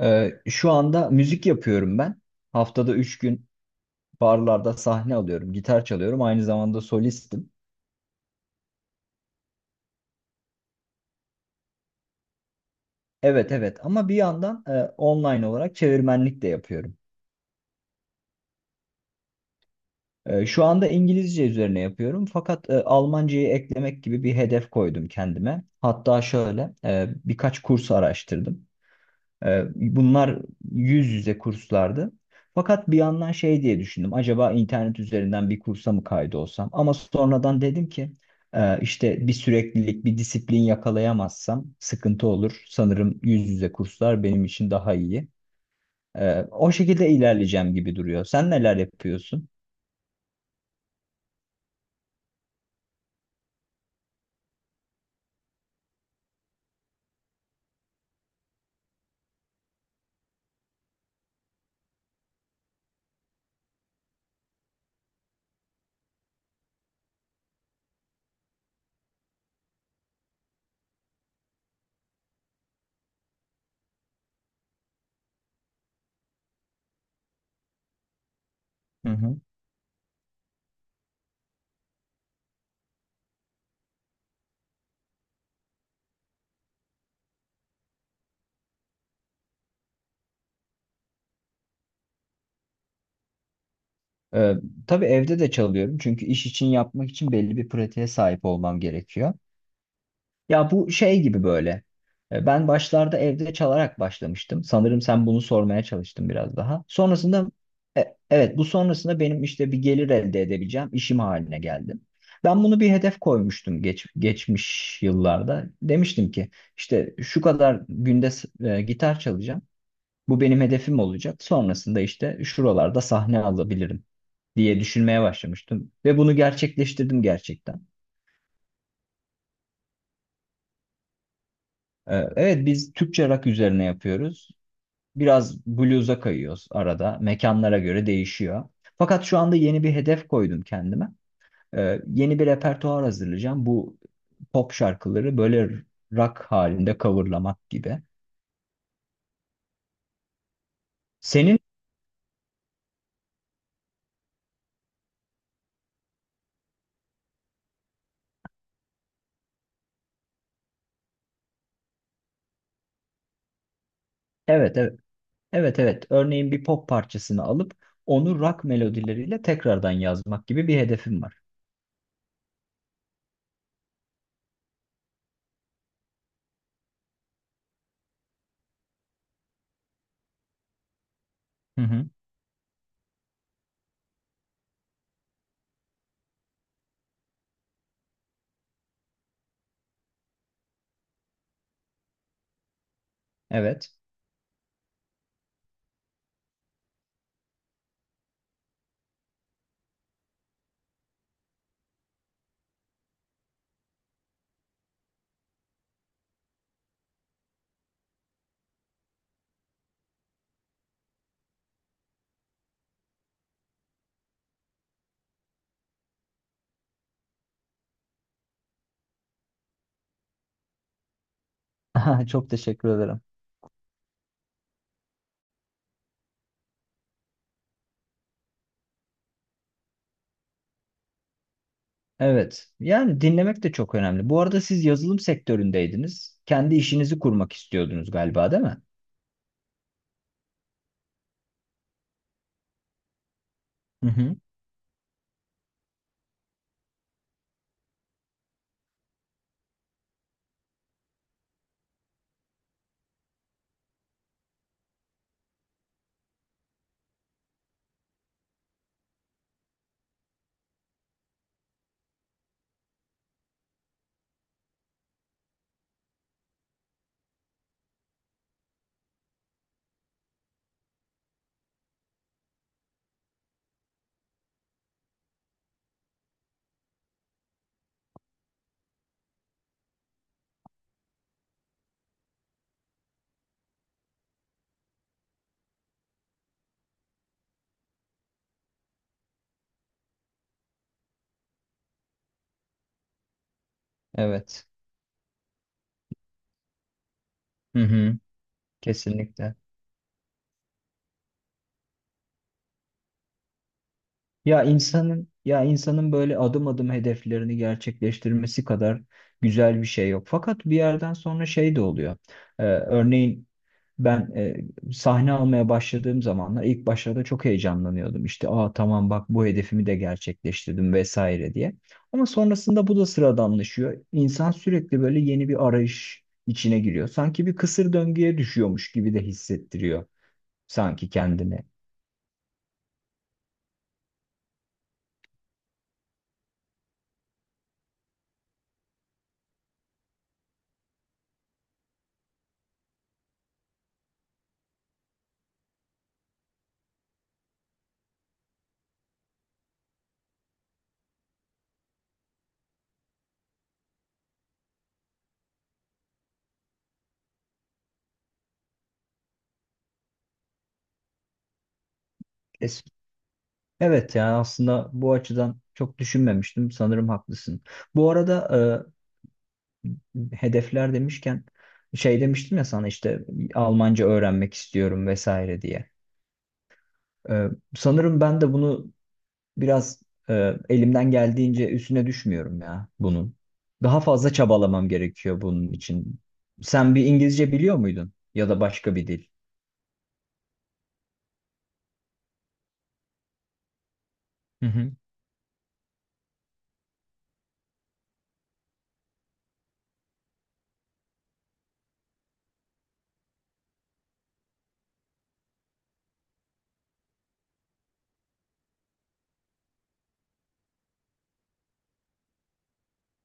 Şu anda müzik yapıyorum ben. Haftada üç gün barlarda sahne alıyorum, gitar çalıyorum. Aynı zamanda solistim. Evet, evet, ama bir yandan online olarak çevirmenlik de yapıyorum. Şu anda İngilizce üzerine yapıyorum fakat Almancayı eklemek gibi bir hedef koydum kendime. Hatta şöyle birkaç kurs araştırdım. Ee, Bunlar yüz yüze kurslardı. Fakat bir yandan şey diye düşündüm. Acaba internet üzerinden bir kursa mı kaydolsam? Ama sonradan dedim ki işte bir süreklilik, bir disiplin yakalayamazsam sıkıntı olur. Sanırım yüz yüze kurslar benim için daha iyi. O şekilde ilerleyeceğim gibi duruyor. Sen neler yapıyorsun? Hı hı. Ee, tabii evde de çalıyorum çünkü iş için yapmak için belli bir pratiğe sahip olmam gerekiyor. Ya bu şey gibi böyle. Ben başlarda evde çalarak başlamıştım. Sanırım sen bunu sormaya çalıştın biraz daha. Sonrasında evet, bu sonrasında benim işte bir gelir elde edebileceğim işim haline geldim. Ben bunu bir hedef koymuştum geçmiş yıllarda. Demiştim ki işte şu kadar günde gitar çalacağım. Bu benim hedefim olacak. Sonrasında işte şuralarda sahne alabilirim diye düşünmeye başlamıştım. Ve bunu gerçekleştirdim gerçekten. Evet, biz Türkçe rock üzerine yapıyoruz. Biraz blues'a kayıyoruz arada. Mekanlara göre değişiyor. Fakat şu anda yeni bir hedef koydum kendime. Yeni bir repertuar hazırlayacağım. Bu pop şarkıları böyle rock halinde coverlamak gibi. Senin evet, evet, evet, evet, örneğin bir pop parçasını alıp onu rock melodileriyle tekrardan yazmak gibi bir hedefim var. Hı hı. Evet. Çok teşekkür ederim. Evet. Yani dinlemek de çok önemli. Bu arada siz yazılım sektöründeydiniz. Kendi işinizi kurmak istiyordunuz galiba, değil mi? Hı hı. Evet. Hı hı. Kesinlikle. Ya insanın, böyle adım adım hedeflerini gerçekleştirmesi kadar güzel bir şey yok. Fakat bir yerden sonra şey de oluyor. Örneğin ben sahne almaya başladığım zamanlar ilk başlarda çok heyecanlanıyordum. İşte aa, tamam, bak, bu hedefimi de gerçekleştirdim vesaire diye. Ama sonrasında bu da sıradanlaşıyor. İnsan sürekli böyle yeni bir arayış içine giriyor. Sanki bir kısır döngüye düşüyormuş gibi de hissettiriyor sanki kendini. Evet, ya aslında bu açıdan çok düşünmemiştim. Sanırım haklısın. Bu arada hedefler demişken şey demiştim ya sana işte Almanca öğrenmek istiyorum vesaire diye. E, Sanırım ben de bunu biraz elimden geldiğince üstüne düşmüyorum ya bunun. Daha fazla çabalamam gerekiyor bunun için. Sen bir İngilizce biliyor muydun? Ya da başka bir dil? Hı hı.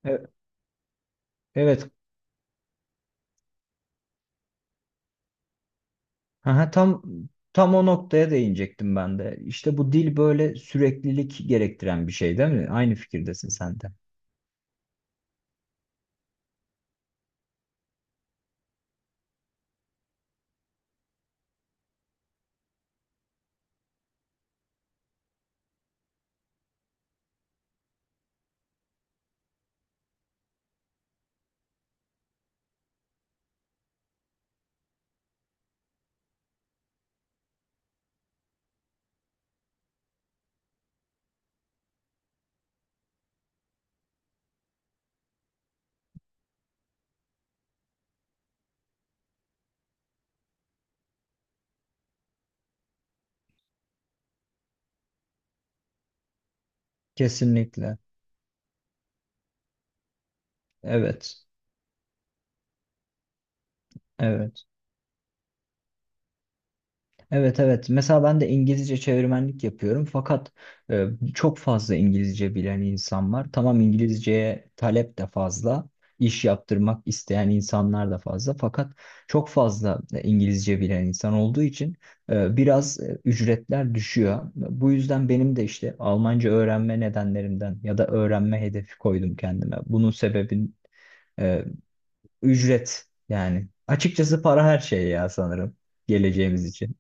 E- Evet. Aha, tam o noktaya değinecektim ben de. İşte bu dil böyle süreklilik gerektiren bir şey, değil mi? Aynı fikirdesin sen de. Kesinlikle. Evet. Evet. Evet, evet. Mesela ben de İngilizce çevirmenlik yapıyorum fakat e, çok fazla İngilizce bilen insan var. Tamam, İngilizceye talep de fazla, iş yaptırmak isteyen insanlar da fazla fakat çok fazla İngilizce bilen insan olduğu için biraz ücretler düşüyor. Bu yüzden benim de işte Almanca öğrenme nedenlerimden ya da öğrenme hedefi koydum kendime. Bunun sebebin e, ücret yani. Açıkçası para her şey ya sanırım geleceğimiz için.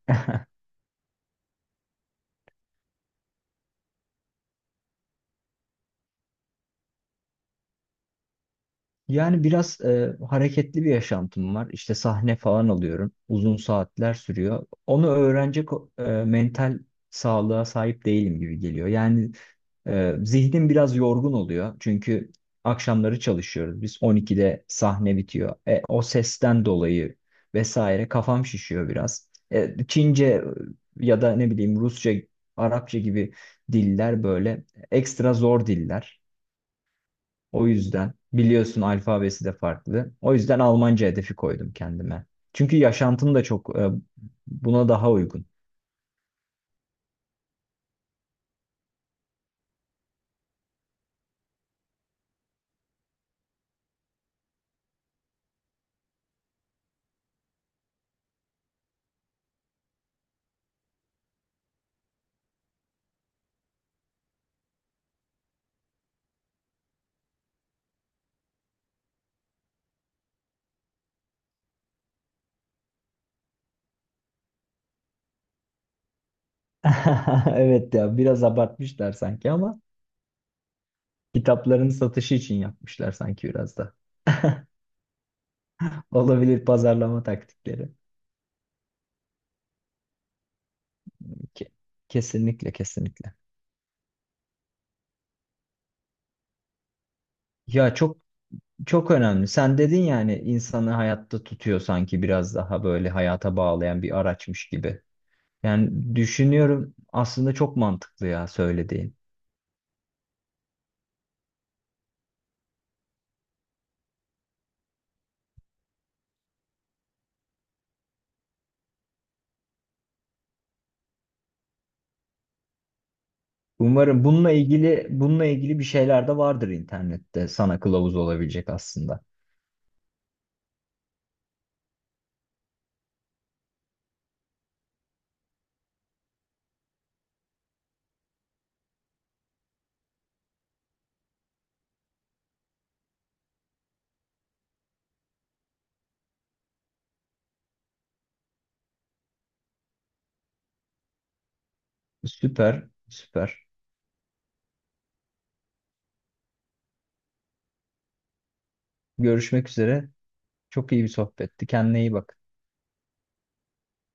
Yani biraz hareketli bir yaşantım var. İşte sahne falan alıyorum. Uzun saatler sürüyor. Onu öğrenecek mental sağlığa sahip değilim gibi geliyor. Yani zihnim biraz yorgun oluyor. Çünkü akşamları çalışıyoruz. Biz 12'de sahne bitiyor. E, o sesten dolayı vesaire kafam şişiyor biraz. Çince, ya da ne bileyim Rusça, Arapça gibi diller böyle ekstra zor diller. O yüzden biliyorsun alfabesi de farklı. O yüzden Almanca hedefi koydum kendime. Çünkü yaşantım da çok buna daha uygun. Evet, ya biraz abartmışlar sanki ama kitapların satışı için yapmışlar sanki biraz da. Olabilir, pazarlama taktikleri. Ke- Kesinlikle, kesinlikle. Ya çok Çok önemli. Sen dedin, yani insanı hayatta tutuyor sanki, biraz daha böyle hayata bağlayan bir araçmış gibi. Yani düşünüyorum aslında çok mantıklı ya söylediğin. Umarım bununla ilgili bir şeyler de vardır internette sana kılavuz olabilecek aslında. Süper, süper. Görüşmek üzere. Çok iyi bir sohbetti. Kendine iyi bak.